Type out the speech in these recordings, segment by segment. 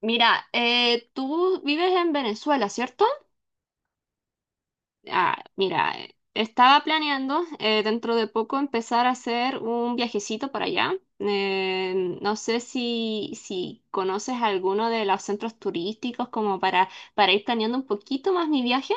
Mira, tú vives en Venezuela, ¿cierto? Ah, mira, estaba planeando dentro de poco empezar a hacer un viajecito para allá. No sé si conoces alguno de los centros turísticos como para ir planeando un poquito más mi viaje.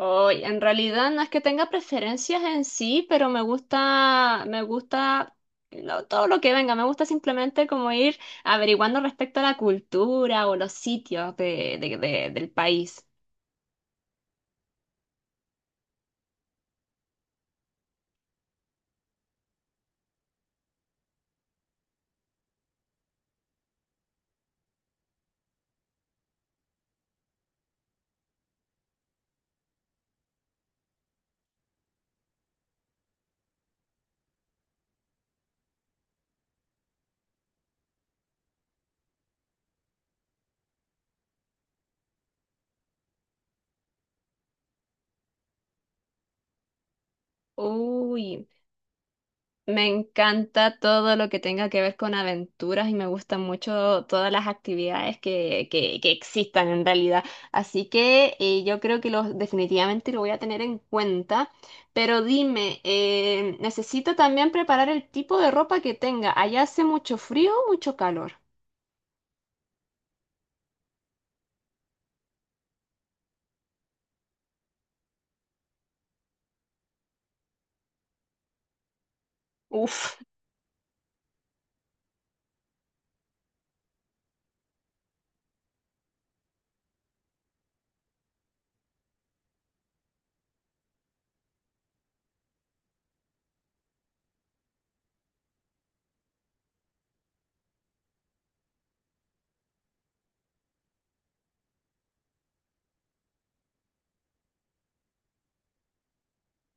Oy, en realidad no es que tenga preferencias en sí, pero me gusta todo lo que venga. Me gusta simplemente como ir averiguando respecto a la cultura o los sitios del país. Uy. Me encanta todo lo que tenga que ver con aventuras y me gustan mucho todas las actividades que existan en realidad. Así que yo creo que definitivamente lo voy a tener en cuenta. Pero dime, necesito también preparar el tipo de ropa que tenga. ¿Allá hace mucho frío o mucho calor? Uf,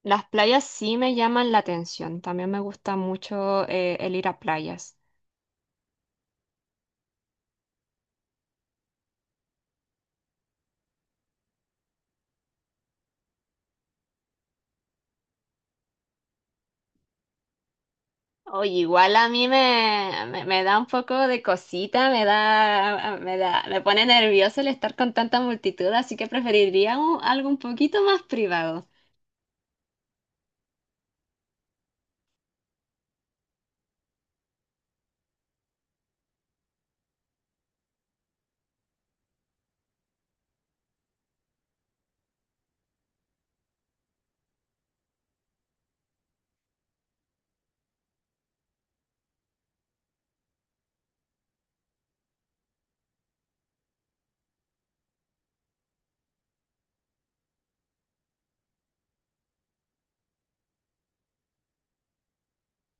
las playas sí me llaman la atención. También me gusta mucho el ir a playas. Oye, igual a mí me da un poco de cosita, me pone nervioso el estar con tanta multitud, así que preferiría algo un poquito más privado.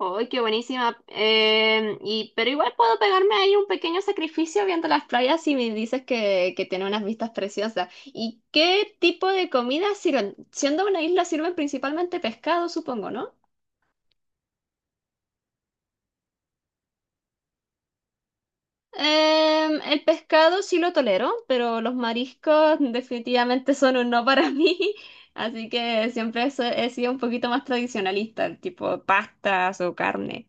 ¡Ay, qué buenísima! Y, pero igual puedo pegarme ahí un pequeño sacrificio viendo las playas si me dices que tiene unas vistas preciosas. ¿Y qué tipo de comida sirven? Siendo una isla sirven principalmente pescado, supongo, ¿no? El pescado sí lo tolero, pero los mariscos definitivamente son un no para mí. Así que siempre he sido un poquito más tradicionalista, tipo pastas o carne.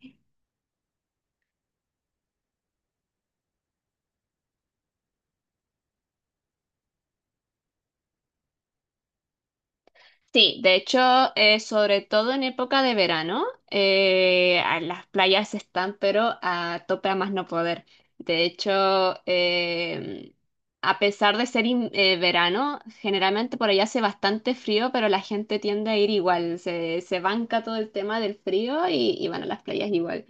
Sí, de hecho, sobre todo en época de verano, a las playas están, pero a tope a más no poder. De hecho, eh, a pesar de ser verano, generalmente por allá hace bastante frío, pero la gente tiende a ir igual, se banca todo el tema del frío y van a las playas igual.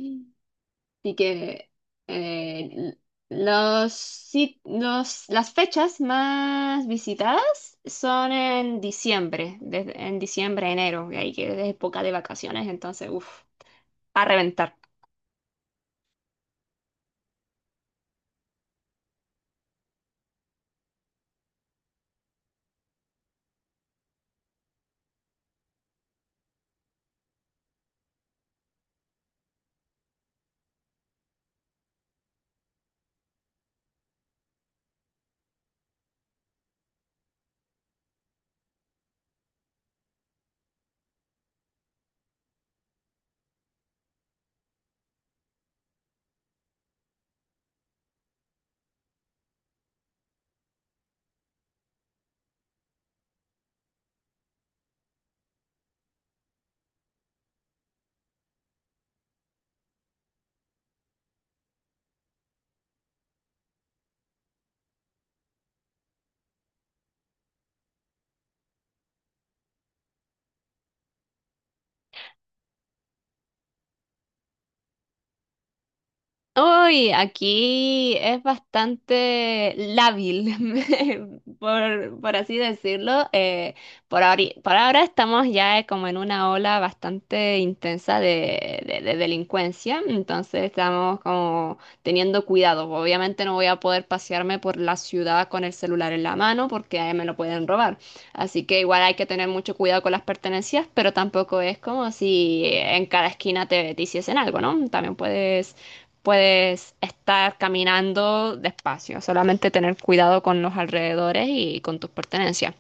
Así que eh, las fechas más visitadas son en diciembre, en diciembre, enero, que ahí que es época de vacaciones, entonces, uff, a reventar. Uy, aquí es bastante lábil, por así decirlo. Por ahora estamos ya como en una ola bastante intensa de, de delincuencia, entonces estamos como teniendo cuidado. Obviamente no voy a poder pasearme por la ciudad con el celular en la mano porque ahí me lo pueden robar. Así que igual hay que tener mucho cuidado con las pertenencias, pero tampoco es como si en cada esquina te hiciesen algo, ¿no? También puedes estar caminando despacio, solamente tener cuidado con los alrededores y con tus pertenencias.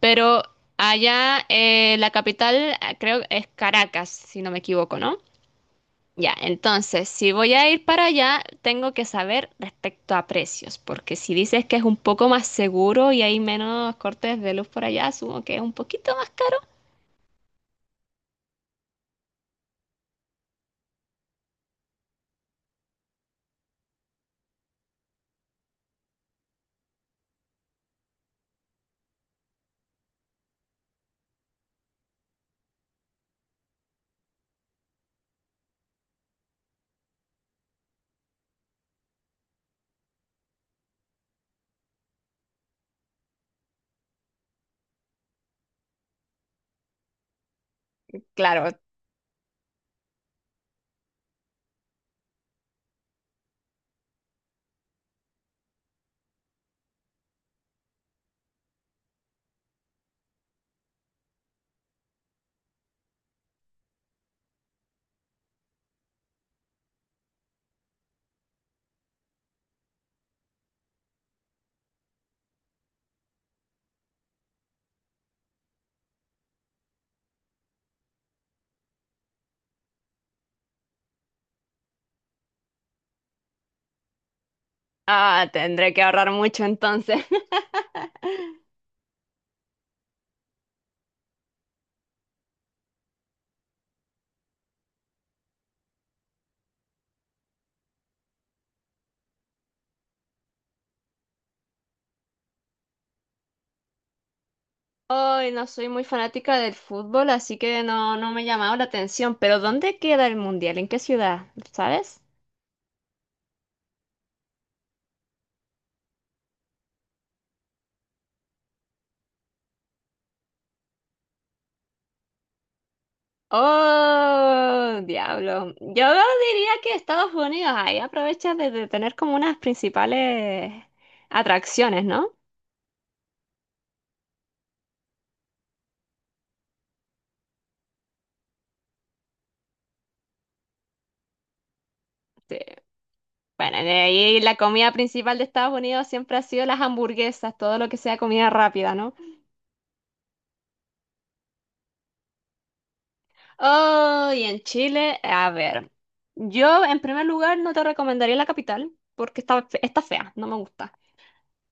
Pero allá la capital creo es Caracas, si no me equivoco, ¿no? Ya, entonces, si voy a ir para allá, tengo que saber respecto a precios, porque si dices que es un poco más seguro y hay menos cortes de luz por allá, asumo que es un poquito más caro. Claro, ah, tendré que ahorrar mucho entonces. Hoy no soy muy fanática del fútbol, así que no, no me ha llamado la atención. Pero ¿dónde queda el mundial? ¿En qué ciudad? ¿Sabes? Oh, diablo. Yo diría que Estados Unidos ahí aprovecha de tener como unas principales atracciones, ¿no? Sí. Bueno, de ahí la comida principal de Estados Unidos siempre ha sido las hamburguesas, todo lo que sea comida rápida, no. Oh, y en Chile, a ver, yo en primer lugar no te recomendaría la capital porque está, está fea, no me gusta.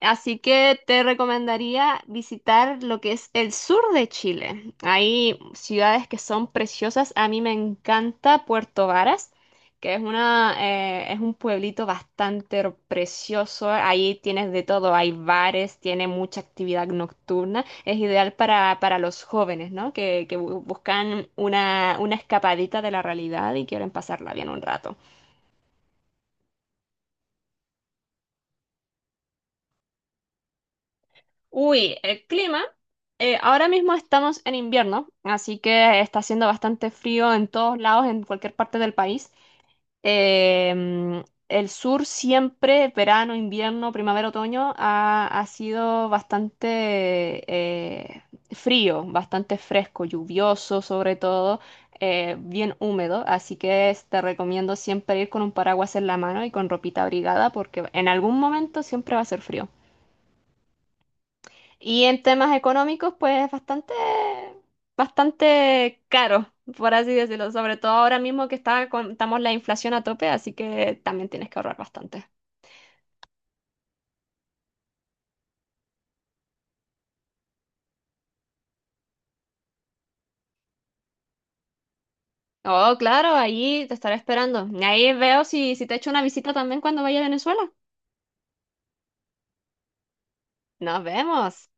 Así que te recomendaría visitar lo que es el sur de Chile. Hay ciudades que son preciosas. A mí me encanta Puerto Varas, que es una, es un pueblito bastante precioso. Ahí tienes de todo. Hay bares, tiene mucha actividad nocturna. Es ideal para los jóvenes, ¿no? Que buscan una escapadita de la realidad y quieren pasarla bien un rato. Uy, el clima. Ahora mismo estamos en invierno, así que está haciendo bastante frío en todos lados, en cualquier parte del país. Eh, mm, el sur siempre, verano, invierno, primavera, otoño, ha sido bastante frío, bastante fresco, lluvioso sobre todo, bien húmedo. Así que te recomiendo siempre ir con un paraguas en la mano y con ropita abrigada, porque en algún momento siempre va a ser frío. Y en temas económicos, pues es bastante, bastante caro, por así decirlo. Sobre todo ahora mismo que está, estamos la inflación a tope, así que también tienes que ahorrar bastante. Oh, claro, ahí te estaré esperando. Y ahí veo si te echo una visita también cuando vaya a Venezuela. Nos vemos.